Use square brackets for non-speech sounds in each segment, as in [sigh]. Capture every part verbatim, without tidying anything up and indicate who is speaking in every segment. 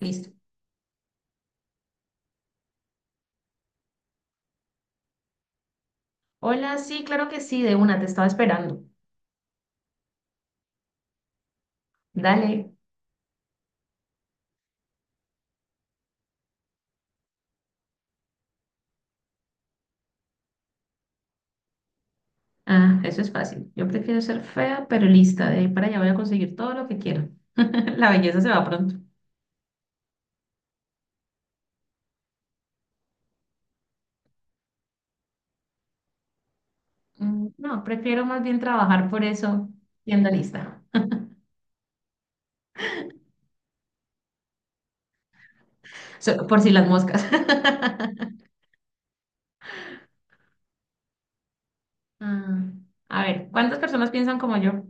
Speaker 1: Listo. Hola, sí, claro que sí, de una, te estaba esperando. Dale. Ah, eso es fácil. Yo prefiero ser fea, pero lista. De ahí para allá voy a conseguir todo lo que quiero. [laughs] La belleza se va pronto. Mm, No, prefiero más bien trabajar por eso, siendo lista. So- por si las moscas. [laughs] Ah, a ver, ¿cuántas personas piensan como yo?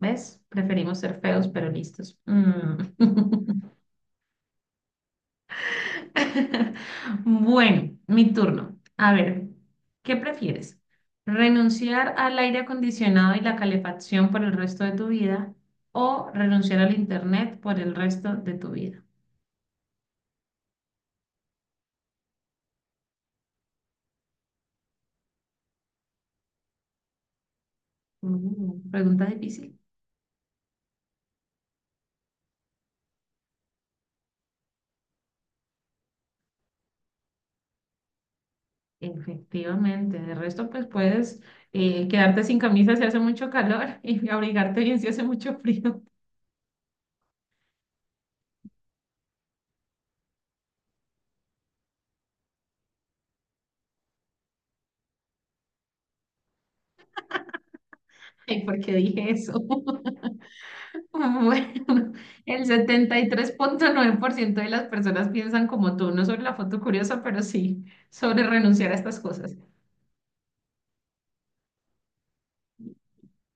Speaker 1: ¿Ves? Preferimos ser feos, pero listos. Mm. [laughs] [laughs] Bueno, mi turno. A ver, ¿qué prefieres? ¿Renunciar al aire acondicionado y la calefacción por el resto de tu vida o renunciar al internet por el resto de tu vida? Mm, pregunta difícil. Efectivamente, de resto pues puedes eh, quedarte sin camisa si hace mucho calor [laughs] y abrigarte bien si hace mucho frío. [laughs] Ay, ¿por qué dije eso? [laughs] [laughs] Bueno, el setenta y tres punto nueve por ciento de las personas piensan como tú, no sobre la foto curiosa, pero sí sobre renunciar a estas cosas.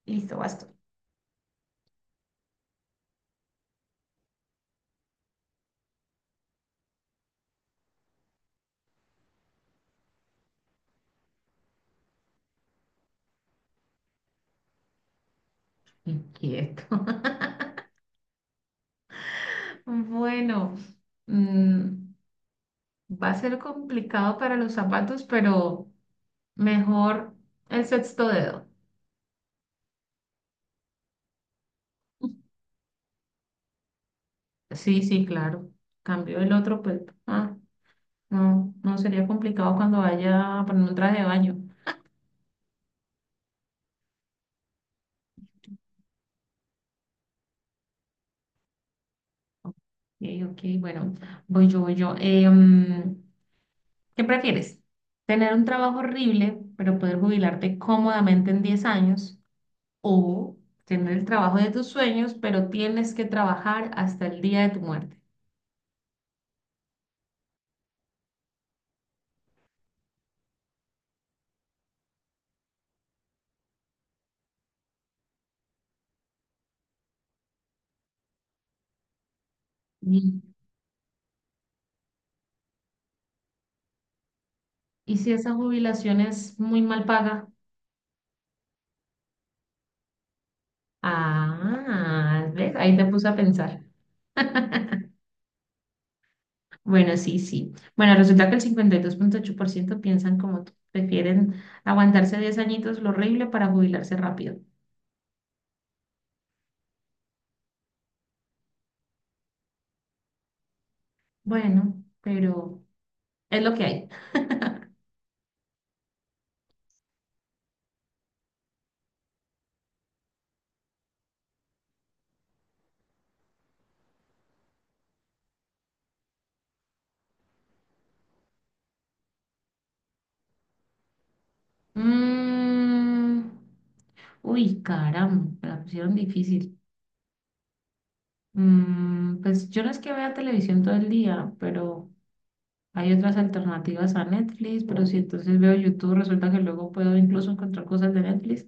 Speaker 1: Listo, basta. Inquieto. [laughs] Bueno, mm, va a ser complicado para los zapatos, pero mejor el sexto dedo. Sí, sí, claro. Cambio el otro, pues, ah, no, no sería complicado cuando vaya a poner un traje de baño. Ok, ok, bueno, voy yo, voy yo. Em, ¿Qué prefieres? ¿Tener un trabajo horrible, pero poder jubilarte cómodamente en diez años? ¿O tener el trabajo de tus sueños, pero tienes que trabajar hasta el día de tu muerte? Y, ¿Y si esa jubilación es muy mal paga? Ah, ¿ves? Ahí te puse a pensar. [laughs] Bueno, sí, sí. Bueno, resulta que el cincuenta y dos punto ocho por ciento piensan como tú. Prefieren aguantarse diez añitos lo horrible para jubilarse rápido. Bueno, pero es lo que hay. Mm, uy, caramba, me la pusieron difícil. Mm, pues yo no es que vea televisión todo el día, pero hay otras alternativas a Netflix, pero si entonces veo YouTube, resulta que luego puedo incluso encontrar cosas de Netflix.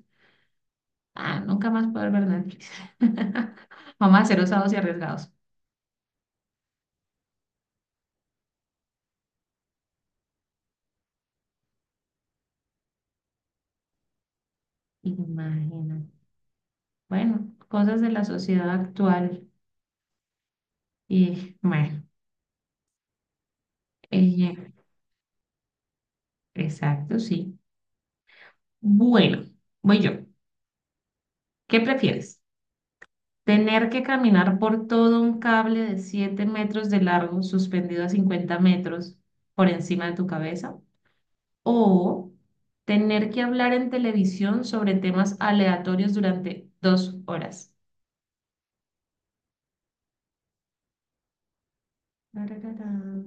Speaker 1: Ah, nunca más poder ver Netflix. [laughs] Vamos a ser osados y arriesgados. Imagina. Bueno, cosas de la sociedad actual. Y bueno, eh, exacto, sí. Bueno, voy yo. ¿Qué prefieres? Tener que caminar por todo un cable de siete metros de largo suspendido a cincuenta metros por encima de tu cabeza. O tener que hablar en televisión sobre temas aleatorios durante dos horas. Tarararán.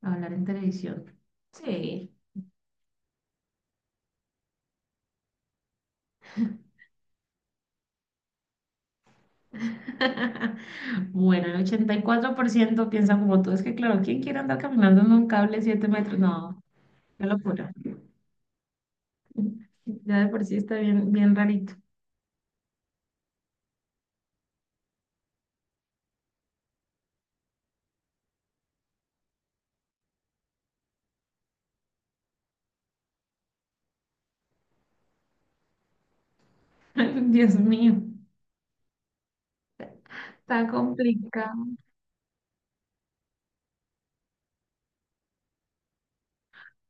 Speaker 1: Hablar en televisión. Sí. [laughs] Bueno, el ochenta y cuatro por ciento piensa como tú. Es que, claro, ¿quién quiere andar caminando en un cable de siete metros? No, qué locura. [laughs] Ya de por sí está bien, bien rarito. [laughs] Dios mío. Está complicado.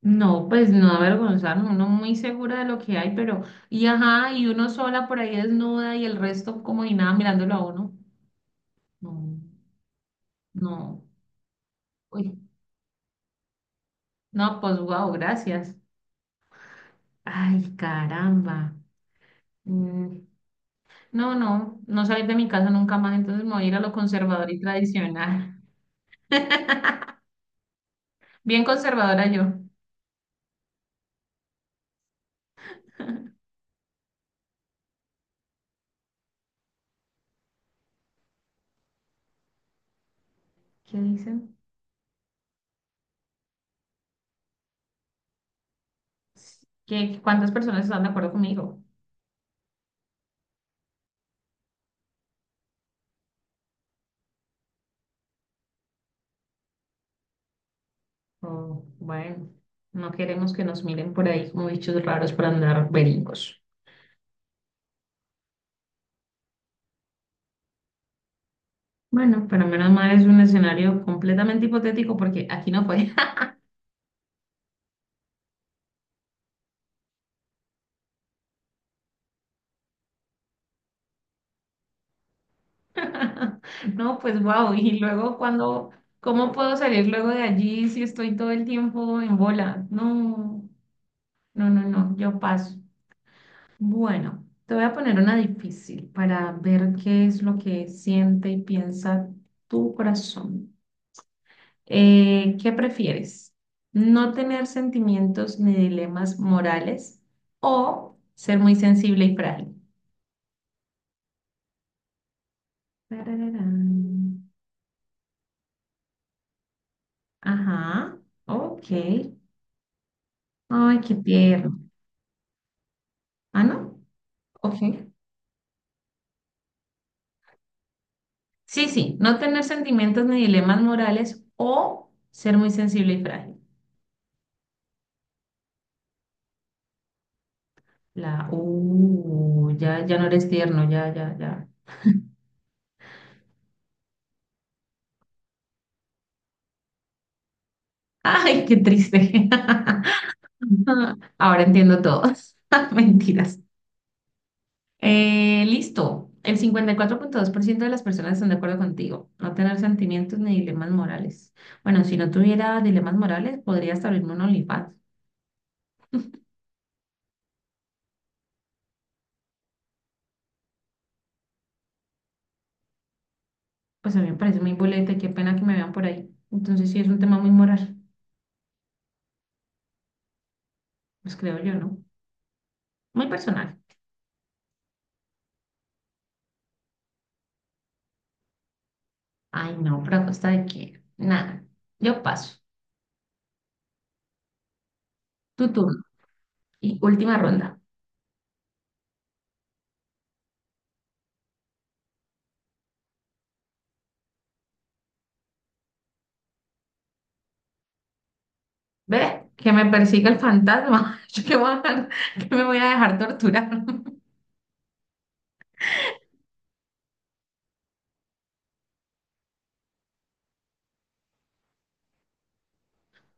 Speaker 1: No, pues no avergonzarnos, uno muy segura de lo que hay, pero, y ajá, y uno sola por ahí desnuda y el resto como y nada mirándolo a uno. No, no, uy, no, pues wow, gracias. Ay, caramba. Mm, no, no, no salir de mi casa nunca más, entonces me voy a ir a lo conservador y tradicional. Bien conservadora yo. ¿Qué dicen? ¿Qué, cuántas personas están de acuerdo conmigo? Oh, bueno, no queremos que nos miren por ahí como bichos raros para andar beringos. Bueno, pero menos mal es un escenario completamente hipotético porque aquí no fue. [laughs] No, pues wow, y luego cuando, ¿cómo puedo salir luego de allí si estoy todo el tiempo en bola? No, no, no, no, yo paso. Bueno, te voy a poner una difícil para ver qué es lo que siente y piensa tu corazón. Eh, ¿qué prefieres? ¿No tener sentimientos ni dilemas morales o ser muy sensible y frágil? Tarararán. Ajá, ok. Ay, qué tierno. Ah, ¿no? Ok. Sí, sí, no tener sentimientos ni dilemas morales o ser muy sensible y frágil. La, uh, ya, ya no eres tierno, ya, ya, ya. [laughs] Ay, qué triste. [laughs] Ahora entiendo todo. [laughs] Mentiras. Eh, listo. El cincuenta y cuatro punto dos por ciento de las personas están de acuerdo contigo. No tener sentimientos ni dilemas morales. Bueno, si no tuviera dilemas morales, podría hasta abrirme un OnlyFans. Pues a mí me parece muy boleta y qué pena que me vean por ahí. Entonces sí es un tema muy moral, pues creo yo, ¿no? Muy personal. Ay, no, pero a costa de qué. Nada. Yo paso. Tu turno. Y última ronda. Ve, que me persiga el fantasma. [laughs] Yo que voy a- que me voy a dejar torturar. [laughs]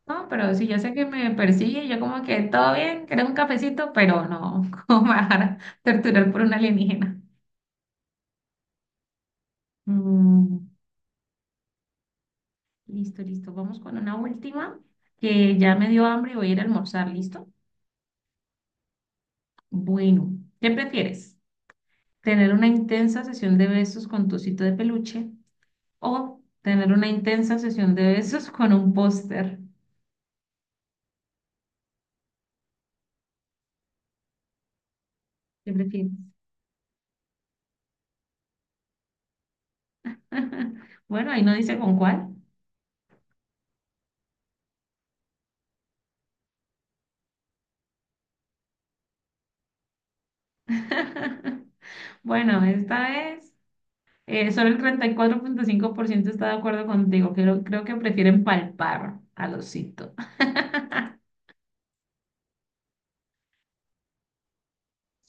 Speaker 1: No, pero si yo sé que me persigue, yo como que todo bien, ¿querés un cafecito? Pero no, [laughs] ¿cómo me van a torturar por un alienígena? Mm, listo, listo. Vamos con una última que ya me dio hambre y voy a ir a almorzar, ¿listo? Bueno, ¿qué prefieres? ¿Tener una intensa sesión de besos con tu osito de peluche o tener una intensa sesión de besos con un póster? ¿Qué prefieres? [laughs] Bueno, ahí no dice con cuál. [laughs] Bueno, esta vez. Eh, solo el treinta y cuatro punto cinco por ciento está de acuerdo contigo. Creo, creo que prefieren palpar al osito. [laughs]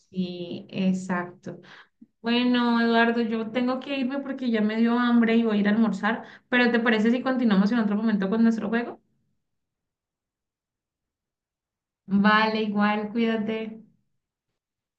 Speaker 1: Sí, exacto. Bueno, Eduardo, yo tengo que irme porque ya me dio hambre y voy a ir a almorzar, pero ¿te parece si continuamos en otro momento con nuestro juego? Vale, igual, cuídate.